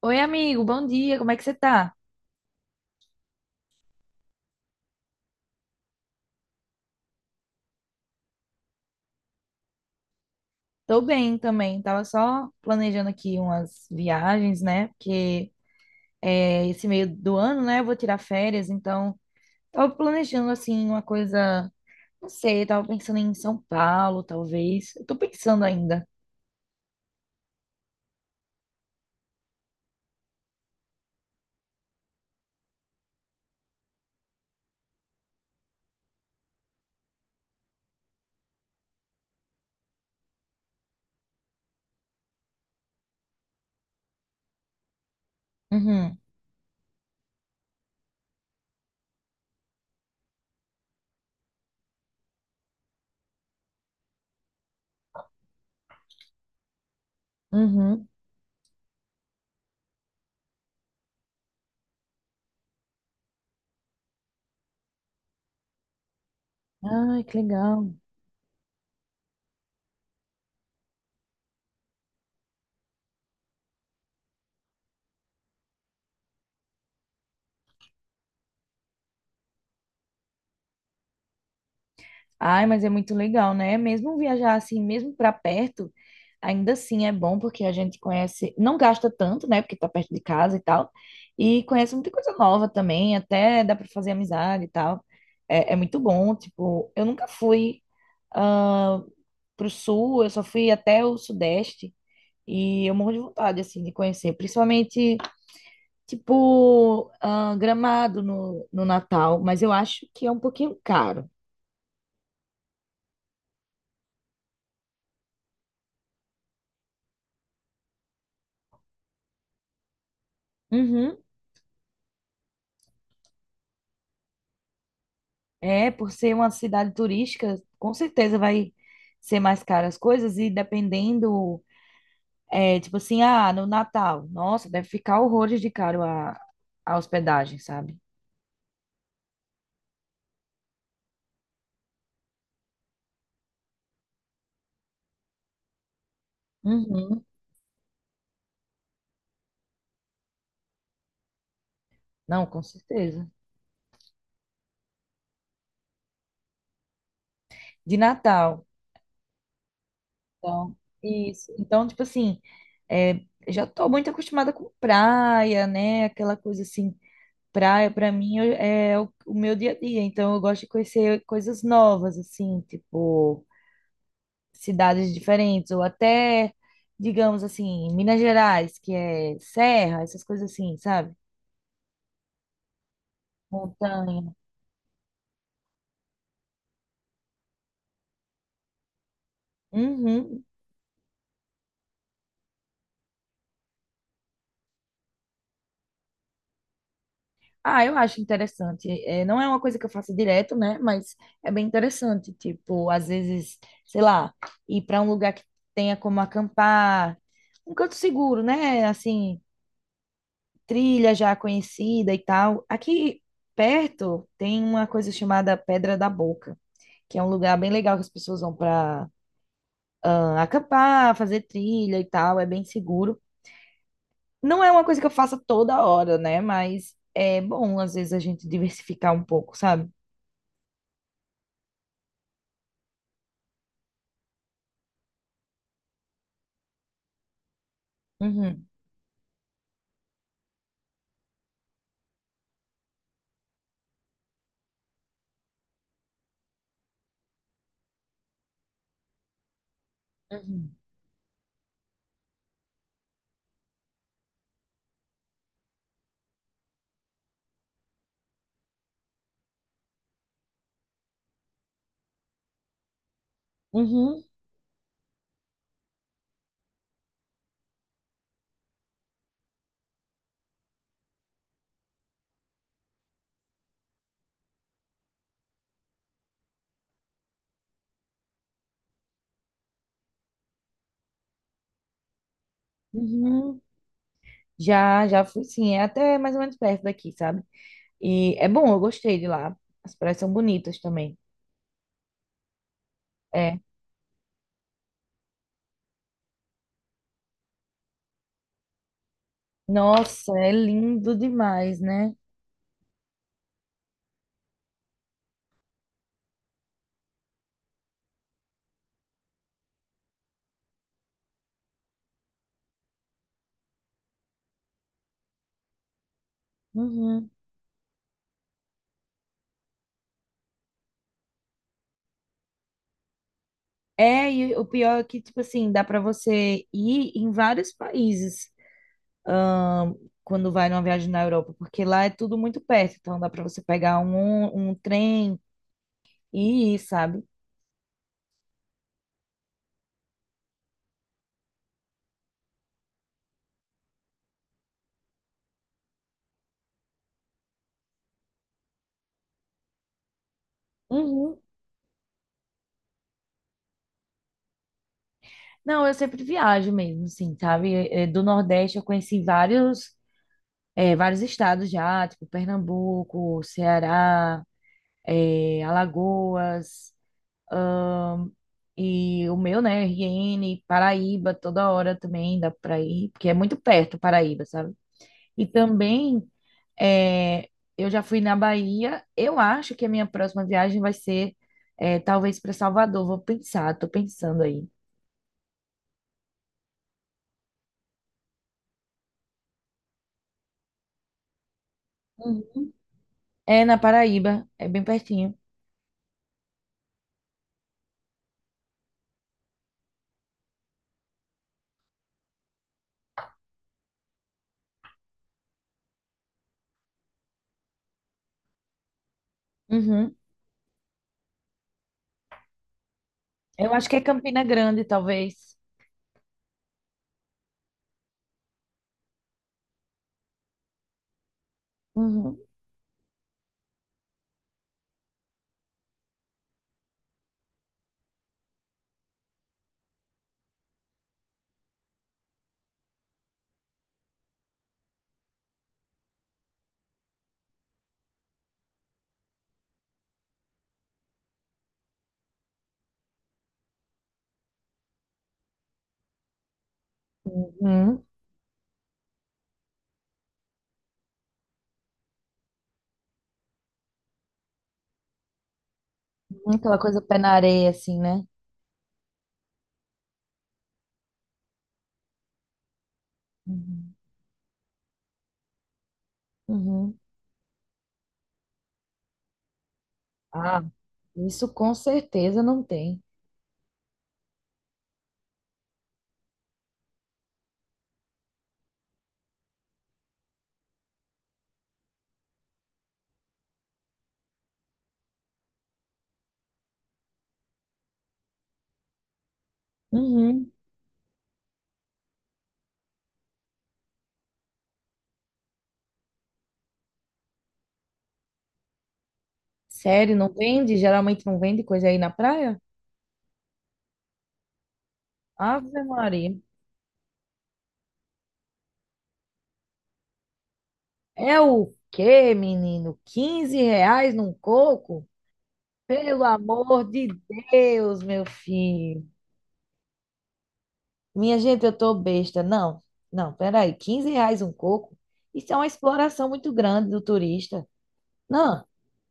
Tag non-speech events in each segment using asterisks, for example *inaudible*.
Oi, amigo, bom dia, como é que você tá? Tô bem também, tava só planejando aqui umas viagens, né? Porque esse meio do ano, né, eu vou tirar férias, então tava planejando, assim, uma coisa, não sei, tava pensando em São Paulo, talvez. Eu tô pensando ainda. Uhum, uhum. Ai, que legal. Ai, mas é muito legal, né? Mesmo viajar assim, mesmo para perto, ainda assim é bom porque a gente conhece, não gasta tanto, né? Porque tá perto de casa e tal, e conhece muita coisa nova também, até dá para fazer amizade e tal. É, é muito bom, tipo, eu nunca fui ah, pro sul, eu só fui até o sudeste e eu morro de vontade assim de conhecer, principalmente tipo Gramado no Natal, mas eu acho que é um pouquinho caro. Uhum. É, por ser uma cidade turística, com certeza vai ser mais caro as coisas e dependendo, é, tipo assim, ah, no Natal, nossa, deve ficar horrores de caro a hospedagem, sabe? Uhum. Não, com certeza. De Natal, então, isso. Então, tipo assim, é, já tô muito acostumada com praia, né? Aquela coisa assim, praia pra mim é o meu dia a dia, então eu gosto de conhecer coisas novas, assim, tipo cidades diferentes, ou até, digamos assim, Minas Gerais, que é serra, essas coisas assim, sabe? Montanha. Uhum. Ah, eu acho interessante. É, não é uma coisa que eu faço direto, né? Mas é bem interessante. Tipo, às vezes, sei lá, ir para um lugar que tenha como acampar, um canto seguro, né? Assim, trilha já conhecida e tal. Aqui perto tem uma coisa chamada Pedra da Boca, que é um lugar bem legal que as pessoas vão para acampar, fazer trilha e tal, é bem seguro. Não é uma coisa que eu faça toda hora, né? Mas é bom, às vezes, a gente diversificar um pouco, sabe? Uhum, uhum, uhum, uhum. Já, já fui, sim, é até mais ou menos perto daqui, sabe? E é bom, eu gostei de lá. As praias são bonitas também. É. Nossa, é lindo demais, né? Uhum. É, e o pior é que, tipo assim, dá pra você ir em vários países. Quando vai numa viagem na Europa, porque lá é tudo muito perto, então dá para você pegar um trem e ir, sabe? Uhum. Não, eu sempre viajo mesmo, assim, sabe? Do Nordeste eu conheci vários, vários estados já, tipo Pernambuco, Ceará, Alagoas, e o meu, né, RN, Paraíba, toda hora também dá pra ir, porque é muito perto Paraíba, sabe? E também é, eu já fui na Bahia. Eu acho que a minha próxima viagem vai ser é, talvez para Salvador. Vou pensar, tô pensando aí. Uhum. É na Paraíba, é bem pertinho. Uhum. Eu acho que é Campina Grande, talvez. Uhum. Uhum. Aquela coisa pé na areia, assim, né? Uhum. Uhum. Ah, isso com certeza não tem. Uhum. Sério, não vende? Geralmente não vende coisa aí na praia? Ave Maria. É o quê, menino? 15 reais num coco? Pelo amor de Deus, meu filho. Minha gente, eu tô besta. Não, não, peraí. 15 reais um coco? Isso é uma exploração muito grande do turista. Não,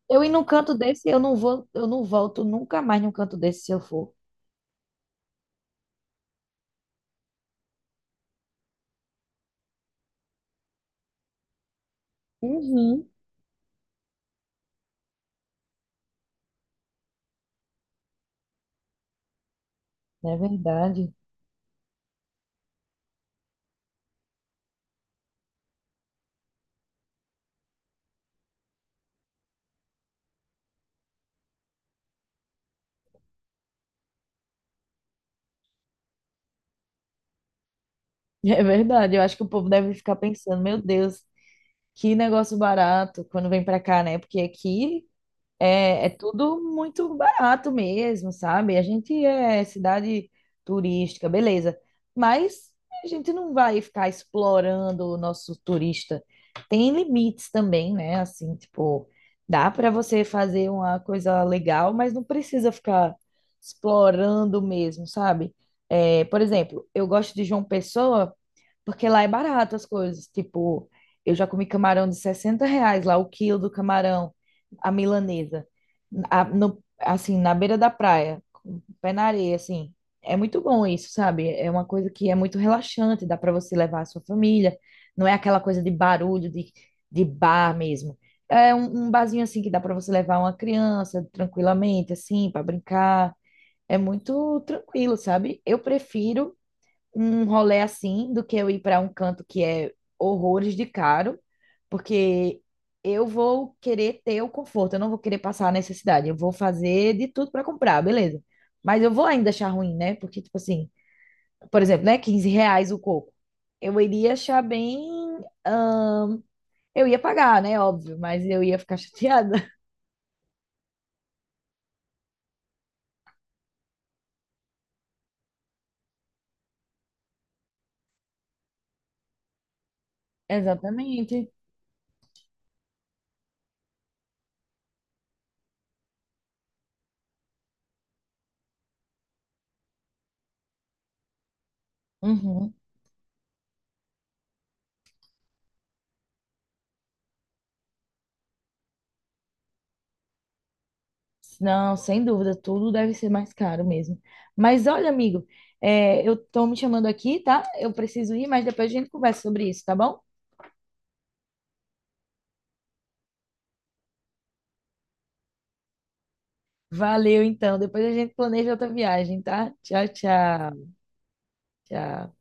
eu ir num canto desse, eu não vou, eu não volto nunca mais num canto desse se eu for. Uhum. É verdade. *laughs* É verdade. Eu acho que o povo deve ficar pensando, meu Deus, que negócio barato quando vem pra cá, né? Porque aqui é, é tudo muito barato mesmo, sabe? A gente é cidade turística, beleza. Mas a gente não vai ficar explorando o nosso turista. Tem limites também, né? Assim, tipo, dá para você fazer uma coisa legal, mas não precisa ficar explorando mesmo, sabe? É, por exemplo, eu gosto de João Pessoa porque lá é barato as coisas. Tipo, eu já comi camarão de 60 reais lá, o quilo do camarão, a milanesa. Assim, na beira da praia, com o pé na areia, assim. É muito bom isso, sabe? É uma coisa que é muito relaxante, dá para você levar a sua família. Não é aquela coisa de barulho, de bar mesmo. É um barzinho assim que dá para você levar uma criança tranquilamente, assim, para brincar. É muito tranquilo, sabe? Eu prefiro um rolê assim do que eu ir para um canto que é horrores de caro, porque eu vou querer ter o conforto, eu não vou querer passar a necessidade, eu vou fazer de tudo para comprar, beleza. Mas eu vou ainda achar ruim, né? Porque, tipo assim, por exemplo, né? 15 reais o coco. Eu iria achar bem. ahn, eu ia pagar, né? Óbvio, mas eu ia ficar chateada. *laughs* Exatamente. Uhum. Não, sem dúvida, tudo deve ser mais caro mesmo. Mas olha, amigo, é, eu tô me chamando aqui, tá? Eu preciso ir, mas depois a gente conversa sobre isso, tá bom? Valeu, então. Depois a gente planeja outra viagem, tá? Tchau, tchau. Tchau.